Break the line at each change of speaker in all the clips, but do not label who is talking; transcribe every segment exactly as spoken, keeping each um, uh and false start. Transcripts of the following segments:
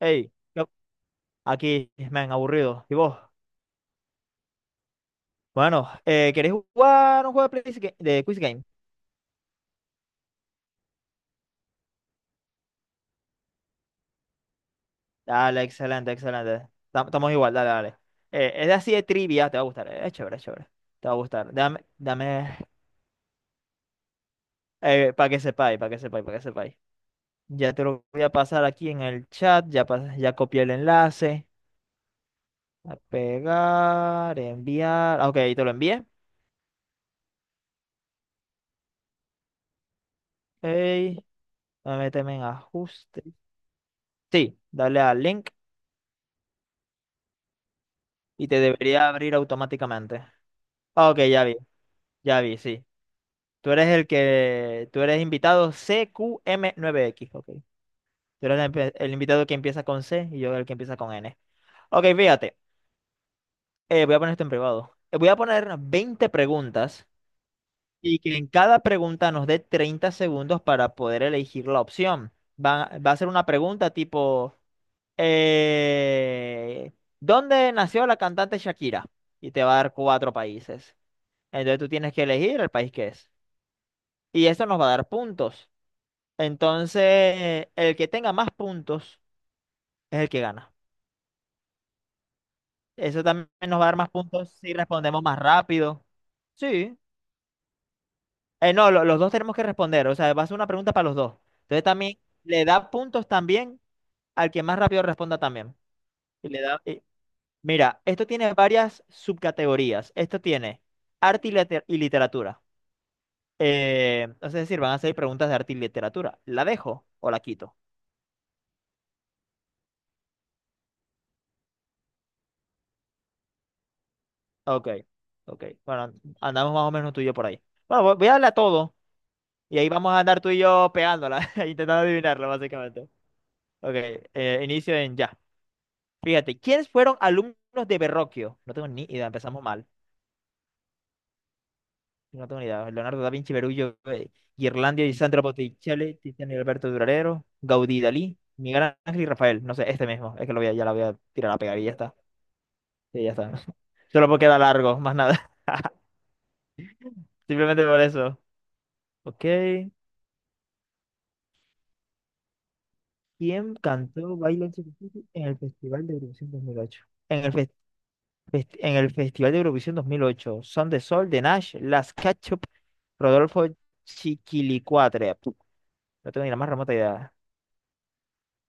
Hey, aquí, man, aburrido. ¿Y vos? Bueno, eh, ¿queréis jugar un juego de, Quiz Ga- de Quiz Game? Dale, excelente, excelente. Tam- Estamos igual, dale, dale. Eh, es así de trivia, te va a gustar. eh, Es chévere, es chévere. Te va a gustar. Dame, dame, eh, para que sepáis, para que sepáis, para que sepáis. Ya te lo voy a pasar aquí en el chat. Ya, pas- ya copié el enlace. A pegar, enviar. Ah, ok, ahí te lo envié. Hey, méteme en ajuste. Sí, dale al link y te debería abrir automáticamente. Ah, ok, ya vi, ya vi, sí. Tú eres el que, tú eres invitado cqm nueve x, ok. Tú eres la empe- el, invitado que empieza con C y yo el que empieza con N. Ok, fíjate, eh, voy a poner esto en privado. Eh, voy a poner veinte preguntas y que en cada pregunta nos dé treinta segundos para poder elegir la opción. Va, va a ser una pregunta tipo, eh, ¿dónde nació la cantante Shakira? Y te va a dar cuatro países. Entonces tú tienes que elegir el país que es, y eso nos va a dar puntos. Entonces, el que tenga más puntos es el que gana. Eso también nos va a dar más puntos si respondemos más rápido. Sí. Eh, no, lo- los dos tenemos que responder. O sea, va a ser una pregunta para los dos. Entonces también le da puntos también al que más rápido responda también. Y le da, y- Mira, esto tiene varias subcategorías. Esto tiene arte y, liter- y literatura. Eh, entonces, es decir, van a ser preguntas de arte y literatura. ¿La dejo o la quito? Ok, ok. Bueno, andamos más o menos tú y yo por ahí. Bueno, vo- voy a darle a todo y ahí vamos a andar tú y yo pegándola, intentando adivinarlo, básicamente. Ok, eh, inicio en ya. Fíjate, ¿quiénes fueron alumnos de Verrocchio? No tengo ni idea, empezamos mal. No tengo ni idea. Leonardo da Vinci, Verullo, eh, Ghirlandaio y Sandro Botticelli, Tiziano y Alberto Durarero, Gaudí, Dalí, Miguel Ángel y Rafael. No sé, este mismo. Es que lo voy a, ya la voy a tirar a pegar y ya está. Sí, ya está. Solo porque da largo, más nada. Simplemente por eso. Ok. ¿Quién cantó Baila en Superficie en el Festival de Eurovisión dos mil ocho? En el, fes- fest- en el Festival de Eurovisión dos mil ocho, Son de Sol, de Nash, Las Ketchup, Rodolfo Chiquilicuatre. Puh, No tengo ni la más remota idea.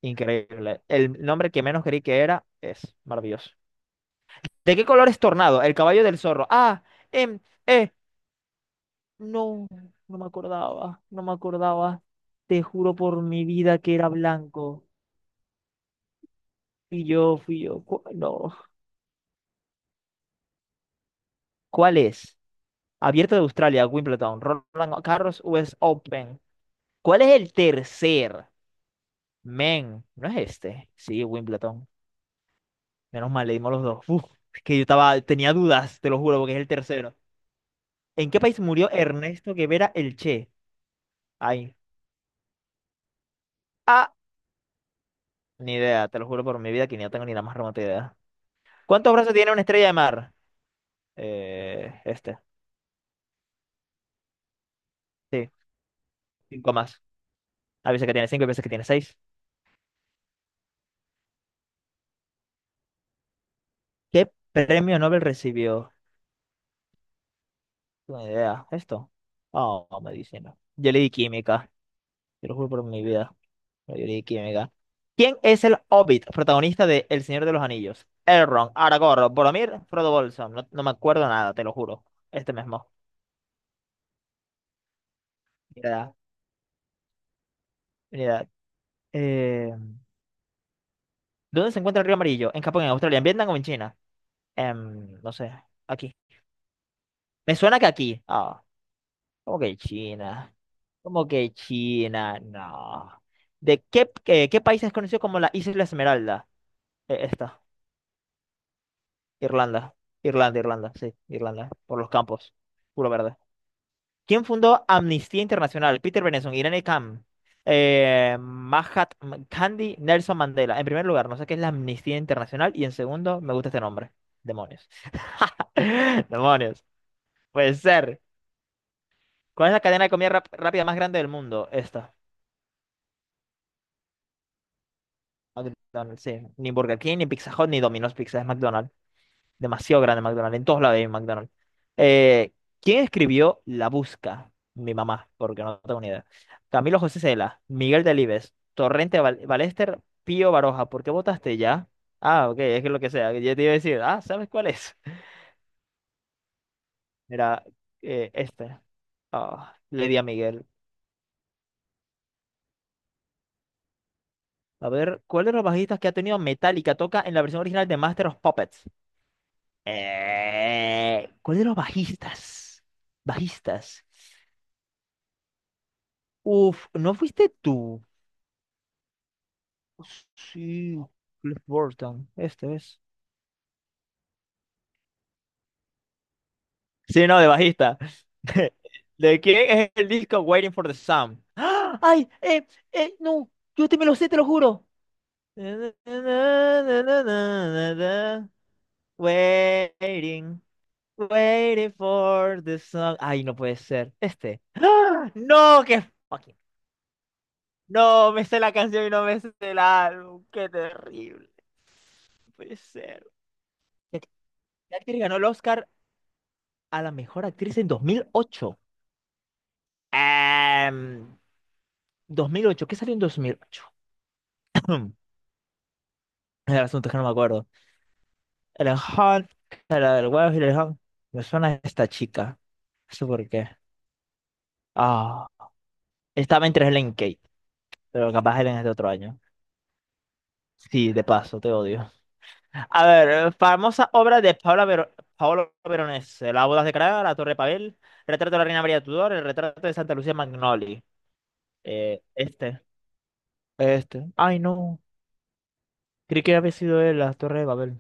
Increíble. El nombre que menos creí que era es maravilloso. ¿De qué color es Tornado? El caballo del zorro. Ah, em, eh, no, no me acordaba, no me acordaba. Te juro por mi vida que era blanco. Fui yo, fui yo. Cu- No. ¿Cuál es? Abierto de Australia, Wimbledon, Roland Garros, U S Open. ¿Cuál es el tercer? Men, ¿no es este? Sí, Wimbledon. Menos mal, le dimos los dos. Uf, es que yo estaba, tenía dudas, te lo juro, porque es el tercero. ¿En qué país murió Ernesto Guevara el Che? Ay. Ah, ni idea, te lo juro por mi vida que ni no tengo ni la más remota idea. ¿Cuántos brazos tiene una estrella de mar? Eh, este. Sí, cinco más. A veces que tiene cinco, a veces que tiene seis. ¿Qué premio Nobel recibió? Buena idea. ¿Esto? Oh, medicina. Yo le di química. Te lo juro por mi vida. pero yo le di química. ¿Quién es el Hobbit, protagonista de El Señor de los Anillos? Elrond, Aragorn, Boromir, Frodo Bolson. No, no me acuerdo nada, te lo juro. Este mismo. Mira, mira. Eh, ¿dónde se encuentra el río Amarillo? ¿En Japón, en Australia, en Vietnam o en China? Em, no sé. Aquí. Me suena que aquí. Ah, ¿cómo que China? ¿Cómo que China? No. ¿De qué, eh, qué país es conocido como la Isla Esmeralda? Eh, esta. Irlanda, Irlanda, Irlanda, sí, Irlanda, por los campos, puro verde. ¿Quién fundó Amnistía Internacional? Peter Benenson, Irene Kam, eh, Mahatma Gandhi, Nelson Mandela. En primer lugar, no sé qué es la Amnistía Internacional y en segundo, me gusta este nombre. Demonios. Demonios. Puede ser. ¿Cuál es la cadena de comida rap- rápida más grande del mundo? Esta. McDonald's, sí. Ni Burger King, ni Pizza Hut, ni Domino's Pizza, es McDonald's. Demasiado grande McDonald's. En todos lados hay McDonald's. Eh, ¿Quién escribió La Busca? Mi mamá, porque no tengo ni idea. Camilo José Cela, Miguel Delibes, Torrente Val- Ballester, Pío Baroja. ¿Por qué votaste ya? Ah, ok, es que lo que sea. Ya te iba a decir, ah, ¿sabes cuál es? Mira, eh, este. Ah, le di a Miguel. A ver, ¿cuál de los bajistas que ha tenido Metallica toca en la versión original de Master of Puppets? Eh, ¿cuál de los bajistas? Bajistas. Uf, ¿no fuiste tú? Sí, Cliff Burton, este es. Sí, no, de bajista. ¿De quién es el disco Waiting for the Sun? ¡Ah! ¡Ay! ¡Eh! ¡Eh! ¡No! Yo te me lo sé, te lo juro. Waiting, waiting for the sun. Ay, no puede ser. Este. ¡Ah! No, qué fucking. No, me sé la canción y no me sé el álbum. Qué terrible. No puede ser. Ya que ya que ganó el Oscar a la mejor actriz en dos mil ocho. Em, Dos mil ocho, ¿qué salió en dos mil ocho? El asunto es que no me acuerdo. El Hunt, la del huevo y el Hunt. Me suena esta chica. No sé por qué. Ah, estaba entre Helen Kate, pero capaz Helen es de otro año. Sí, de paso, te odio. A ver, eh, famosa obra de Paola Ver- Paolo Veronese. Las bodas de Praga, La Torre de Babel, Retrato de la Reina María Tudor, El retrato de Santa Lucía Magnoli. Eh, este, este. Ay, no. Creí que había sido él las Torres de Babel.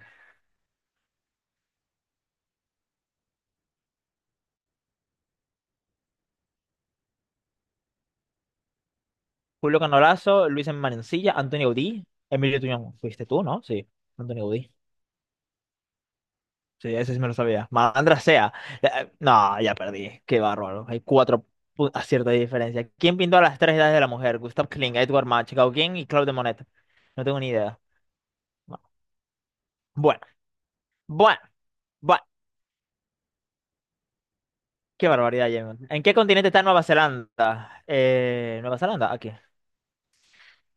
Julio Canolazo, Luis Manencilla, Antonio Audí, Emilio Tuñón. Fuiste tú, ¿no? Sí, Antonio Audí. Sí, ese sí me lo sabía. Malandra sea. Eh, eh, No, ya perdí. Qué bárbaro. Hay cuatro pu- aciertos de diferencia. ¿Quién pintó a las tres edades de la mujer? Gustav Klimt, Edward Munch, Gauguin y Claude Monet. No tengo ni idea. No. Bueno, bueno, bueno. Qué barbaridad, Jamie. ¿En qué continente está Nueva Zelanda? Eh, Nueva Zelanda, aquí.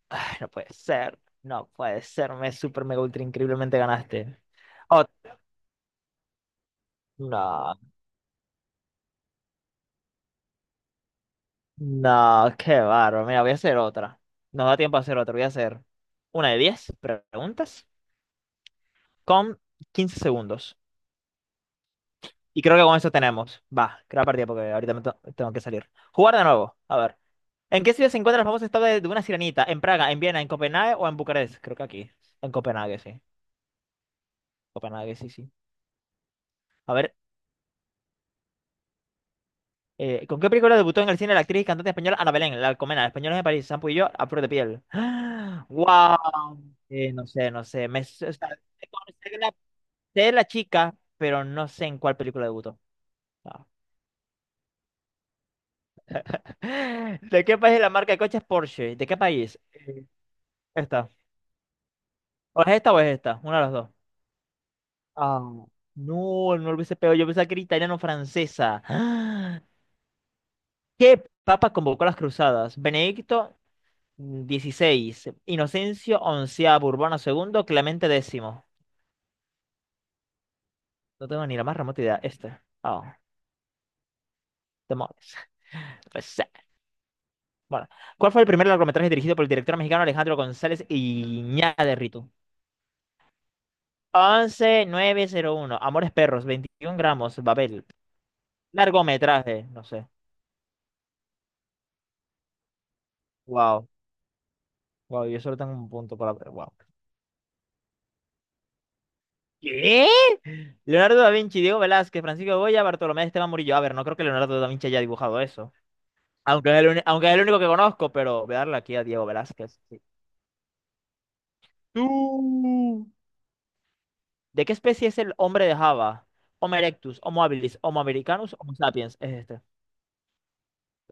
Ay, no puede ser, no puede ser, me super mega ultra increíblemente ganaste. Oh, no, no, qué bárbaro. Mira, voy a hacer otra. Nos da tiempo a hacer otra. Voy a hacer una de diez preguntas con quince segundos. Y creo que con eso tenemos. Va, creo la partida porque ahorita me to- tengo que salir. Jugar de nuevo. A ver. ¿En qué ciudad se encuentra la famosa estatua de de una sirenita? ¿En Praga, en Viena, en Copenhague o en Bucarest? Creo que aquí. En Copenhague, sí. Copenhague, sí, sí. A ver. Eh, ¿con qué película debutó en el cine la actriz y cantante española Ana Belén, la Alcomena, Españoles de París, Sampo y yo, a flor de piel? ¡Wow! Eh, no sé, no sé. Me, o sea, sé cuál- sé la, sé la chica, pero no sé en cuál película debutó. No. ¿De qué país es la marca de coches Porsche? ¿De qué país? Eh, Esta. ¿O es esta o es esta? Una de las dos. Ah, no, no lo hubiese pegado. Yo pensaba que era italiano-francesa. ¿Qué papa convocó las cruzadas? ¿Benedicto dieciséis, Inocencio onceavo, Urbano segundo, Clemente décimo? No tengo ni la más remota idea. Este. Oh, demonios. Pues, sí. bueno, ¿cuál fue el primer largometraje dirigido por el director mexicano Alejandro González Iñárritu? Once mil novecientos uno, Amores Perros, veintiún gramos, Babel. Largometraje, no sé. Wow, wow, yo solo tengo un punto para ver. Wow. ¿Qué? Leonardo da Vinci, Diego Velázquez, Francisco Goya, Bartolomé de Esteban Murillo. A ver, no creo que Leonardo da Vinci haya dibujado eso. Aunque es el, uni- aunque es el único que conozco, pero voy a darle aquí a Diego Velázquez. sí. Tú. ¿De qué especie es el hombre de Java? Homo erectus, Homo habilis, Homo americanus, Homo sapiens. Es este.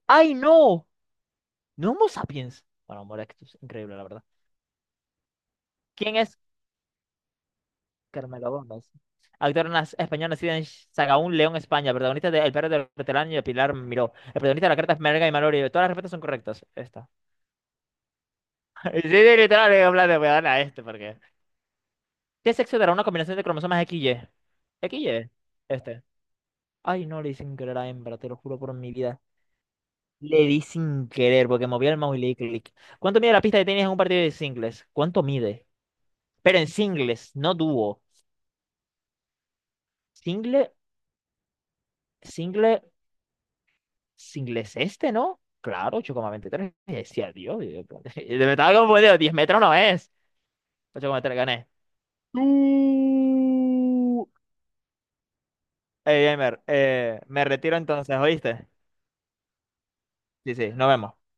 ¡Ay, no! No Homo sapiens. Bueno, Homo erectus. Increíble, la verdad. ¿Quién es Carmelo Gómez? Actor nas- español nacido en Sahagún, León, España. Protagonista de El perro del hortelano y de Pilar Miró. El protagonista de la carta es Merga y Malory. Todas las respuestas son correctas. Esta. Sí, sí, literal, en plan de, voy a darle a este porque... ¿Qué sexo dará una combinación de cromosomas X Y? X Y, este. Ay, no, le di sin querer a hembra, te lo juro por mi vida. Le di sin querer porque moví el mouse y le di clic. ¿Cuánto mide la pista de tenis en un partido de singles? ¿Cuánto mide? Pero en singles, no dúo. Single, single, singles este, ¿no? Claro, ocho coma veintitrés. Y decía, Dios, Dios, me estaba confundido. diez metros no es. ocho coma tres, gané. Tú. Ey, Gamer, eh, me retiro entonces, ¿oíste? Sí, sí, nos vemos.